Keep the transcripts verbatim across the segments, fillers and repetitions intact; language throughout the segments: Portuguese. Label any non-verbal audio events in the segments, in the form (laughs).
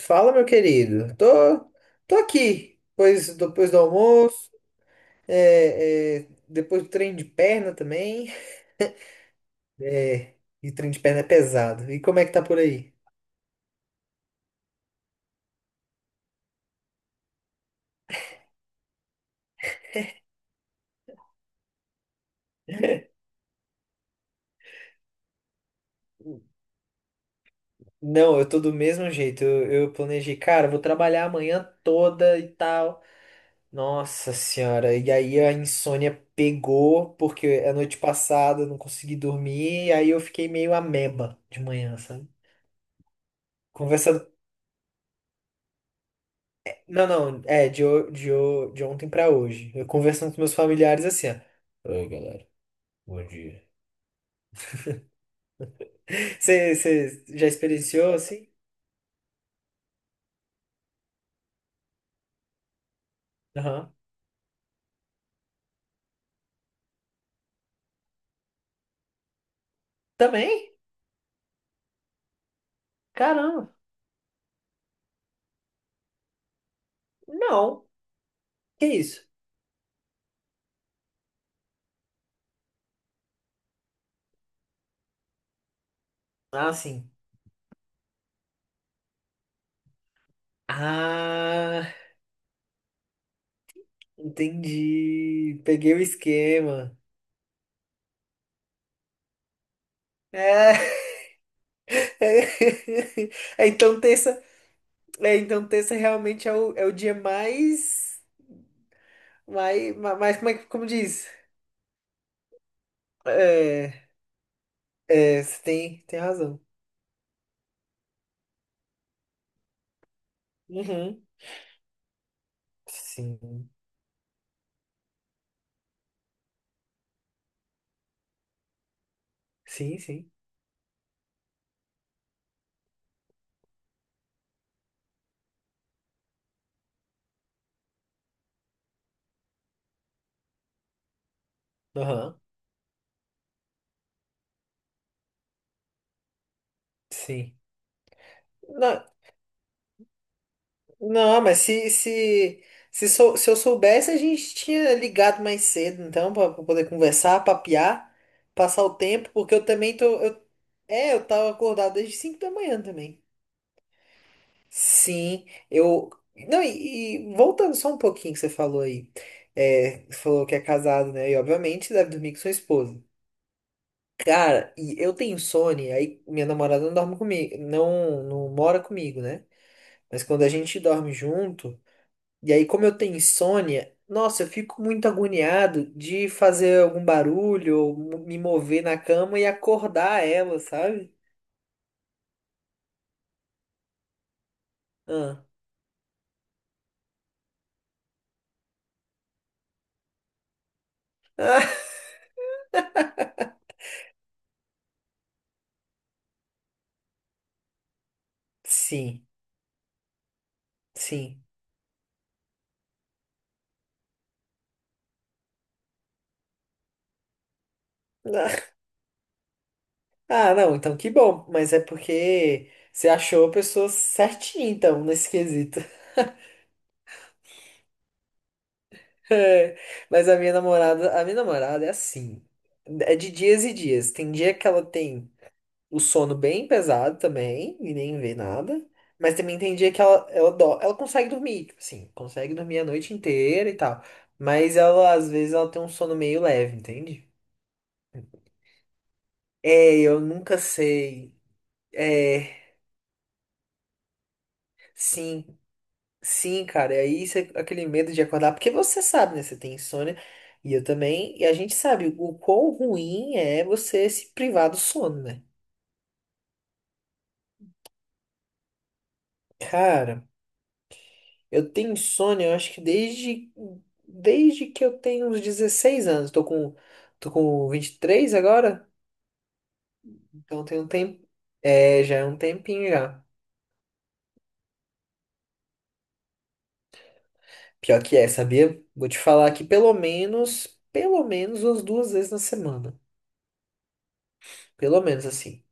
Fala, meu querido. Tô, tô aqui, pois depois do almoço, é, é, depois do treino de perna também. É, e treino de perna é pesado. E como é que tá por aí? Não, eu tô do mesmo jeito. Eu, eu planejei, cara, vou trabalhar amanhã toda e tal. Nossa senhora, e aí a insônia pegou, porque a noite passada eu não consegui dormir, e aí eu fiquei meio ameba de manhã, sabe? Conversando Não, não, é de, ho- de, ho- de ontem pra hoje. Eu conversando com meus familiares assim, ó. Oi, galera. Bom dia. (laughs) Você você já experienciou assim? Aham. Também? Caramba. Não. Que isso? Ah, sim. Ah, entendi. Peguei o esquema. É. (laughs) É, Então, terça, é, então terça realmente é o, é o dia mais, mais, mais, como é que, como diz? É, é, você tem, tem razão. Uhum. Sim, sim, sim. Aham, sim. Não, não, mas se, se, se, sou- se eu soubesse, a gente tinha ligado mais cedo, então, pra, pra poder conversar, papiar, passar o tempo, porque eu também tô. Eu, é, eu tava acordado desde cinco da manhã também. Sim, eu. Não, e, e voltando só um pouquinho que você falou aí. É, você falou que é casado, né? E obviamente deve dormir com sua esposa. Cara, e eu tenho insônia, aí minha namorada não dorme comigo, não, não, mora comigo, né? Mas quando a gente dorme junto, e aí como eu tenho insônia, nossa, eu fico muito agoniado de fazer algum barulho ou mo- me mover na cama e acordar ela, sabe? Ah, ah, (laughs) sim, sim. Ah, ah, não, então que bom, mas é porque você achou a pessoa certinha, então, nesse quesito. (laughs) É, mas a minha namorada, a minha namorada é assim. É de dias e dias. Tem dia que ela tem o sono bem pesado também, e nem vê nada. Mas também tem dia que ela, ela, dó- ela consegue dormir, tipo assim, consegue dormir a noite inteira e tal. Mas ela, às vezes, ela tem um sono meio leve, entende? É, eu nunca sei. É, sim, sim, cara. E aí isso é aquele medo de acordar, porque você sabe, né? Você tem insônia, e eu também, e a gente sabe o quão ruim é você se privar do sono, né? Cara. Eu tenho insônia, eu acho que desde, desde que eu tenho uns dezesseis anos. Tô com, tô com vinte e três agora, então tem um tempo. É, já é um tempinho já. Pior que é, sabia? Vou te falar que pelo menos, pelo menos umas duas vezes na semana. Pelo menos assim.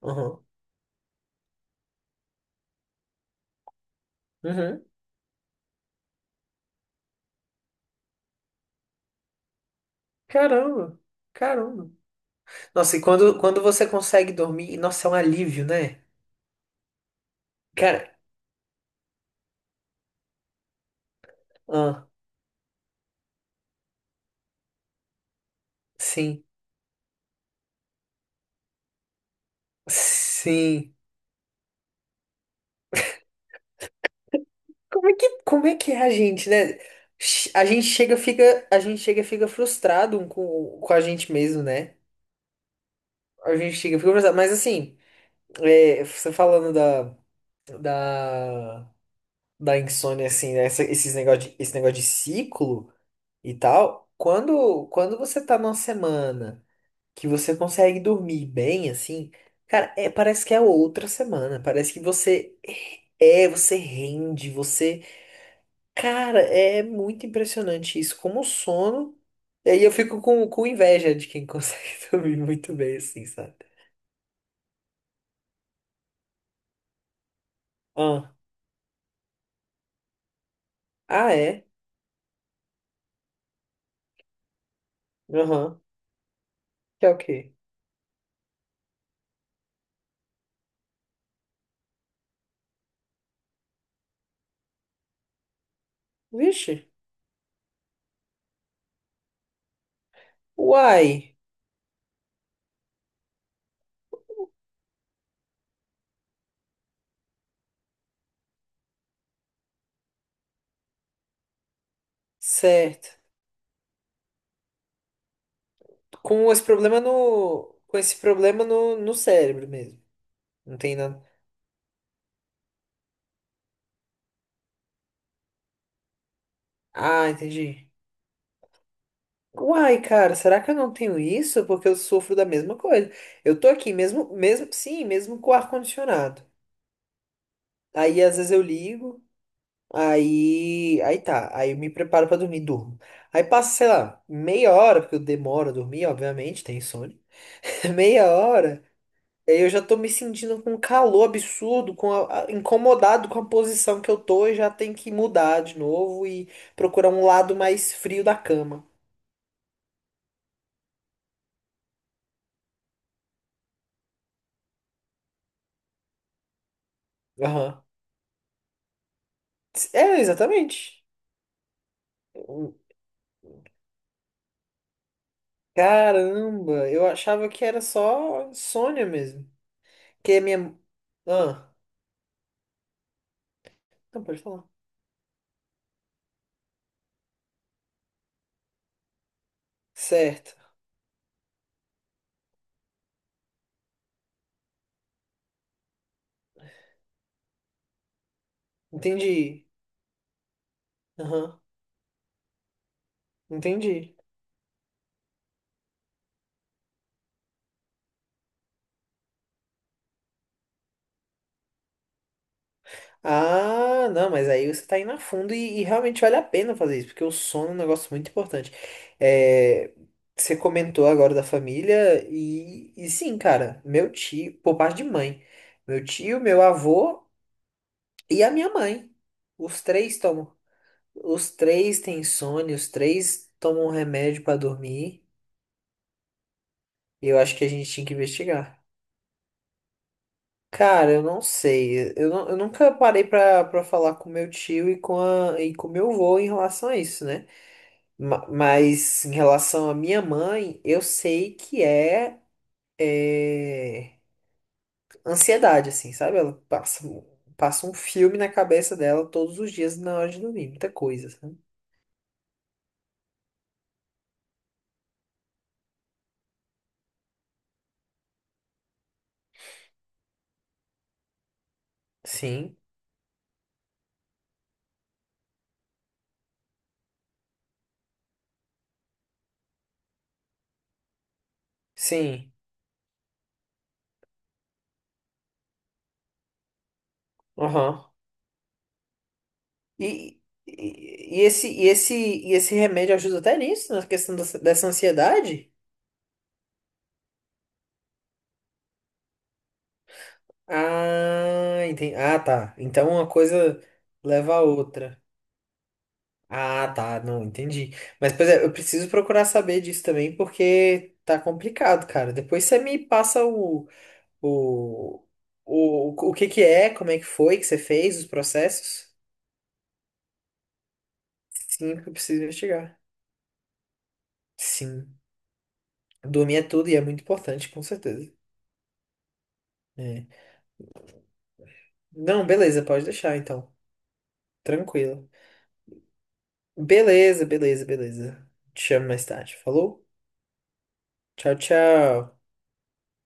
Uhum. Uhum. Caramba, caramba. Nossa, e quando, quando você consegue dormir, nossa, é um alívio, né? Cara, ah, sim, sim. Como é que, como é que é a gente, né? Ch- A gente chega, fica, a gente chega, e fica frustrado um com, com a gente mesmo, né? A gente chega, e fica frustrado. Mas assim, é, você falando da, da, da insônia, assim, né? Essa- Esses negócio de, esse negócio de ciclo e tal. Quando, quando você tá numa semana que você consegue dormir bem, assim, cara, é, parece que é outra semana. Parece que você é, você rende, você. Cara, é muito impressionante isso, como o sono. E aí eu fico com, com inveja de quem consegue (laughs) dormir muito bem assim, sabe? Ah, ah é? Aham. Que é o quê? Vixe. Uai. Certo. Com esse problema no. Com esse problema no, no cérebro mesmo. Não tem nada. Ah, entendi. Uai, cara, será que eu não tenho isso? Porque eu sofro da mesma coisa. Eu tô aqui mesmo, mesmo, sim, mesmo com o ar-condicionado. Aí às vezes eu ligo. Aí, aí tá, aí eu me preparo pra dormir, durmo. Aí passa, sei lá, meia hora, porque eu demoro a dormir, obviamente, tem insônia. (laughs) Meia hora, aí eu já tô me sentindo com um calor absurdo, com a- a- incomodado com a posição que eu tô e já tenho que mudar de novo e procurar um lado mais frio da cama. Aham. É, exatamente. Caramba, eu achava que era só insônia mesmo. Que a minha. Ah, não pode falar. Certo, entendi. Aham. Entendi. Ah, não, mas aí você tá indo a fundo e, e realmente vale a pena fazer isso, porque o sono é um negócio muito importante. É, você comentou agora da família, e, e sim, cara, meu tio, por parte de mãe, meu tio, meu avô e a minha mãe. Os três tomam. Os três têm insônia, os três tomam remédio pra dormir. E eu acho que a gente tinha que investigar. Cara, eu não sei. Eu, nu- eu nunca parei pra, pra falar com meu tio e com a, e com meu avô em relação a isso, né? Ma- Mas em relação à minha mãe, eu sei que é, é, ansiedade, assim, sabe? Ela passa, um, passa um filme na cabeça dela todos os dias na hora de dormir, muita coisa, sabe? Sim, sim, aham. E, e, e esse, e, esse, e esse remédio ajuda até nisso, na questão dessa dessa ansiedade? Ah, entendi. Ah, tá. Então uma coisa leva a outra. Ah, tá. Não, entendi. Mas, pois é, eu preciso procurar saber disso também, porque tá complicado, cara. Depois você me passa o, o, o, o que que é, como é que foi que você fez, os processos. Sim, porque eu preciso investigar. Sim. Dormir é tudo e é muito importante, com certeza. É. Não, beleza, pode deixar então. Tranquilo. Beleza, beleza, beleza. Te chamo mais tarde. Falou? Tchau, tchau.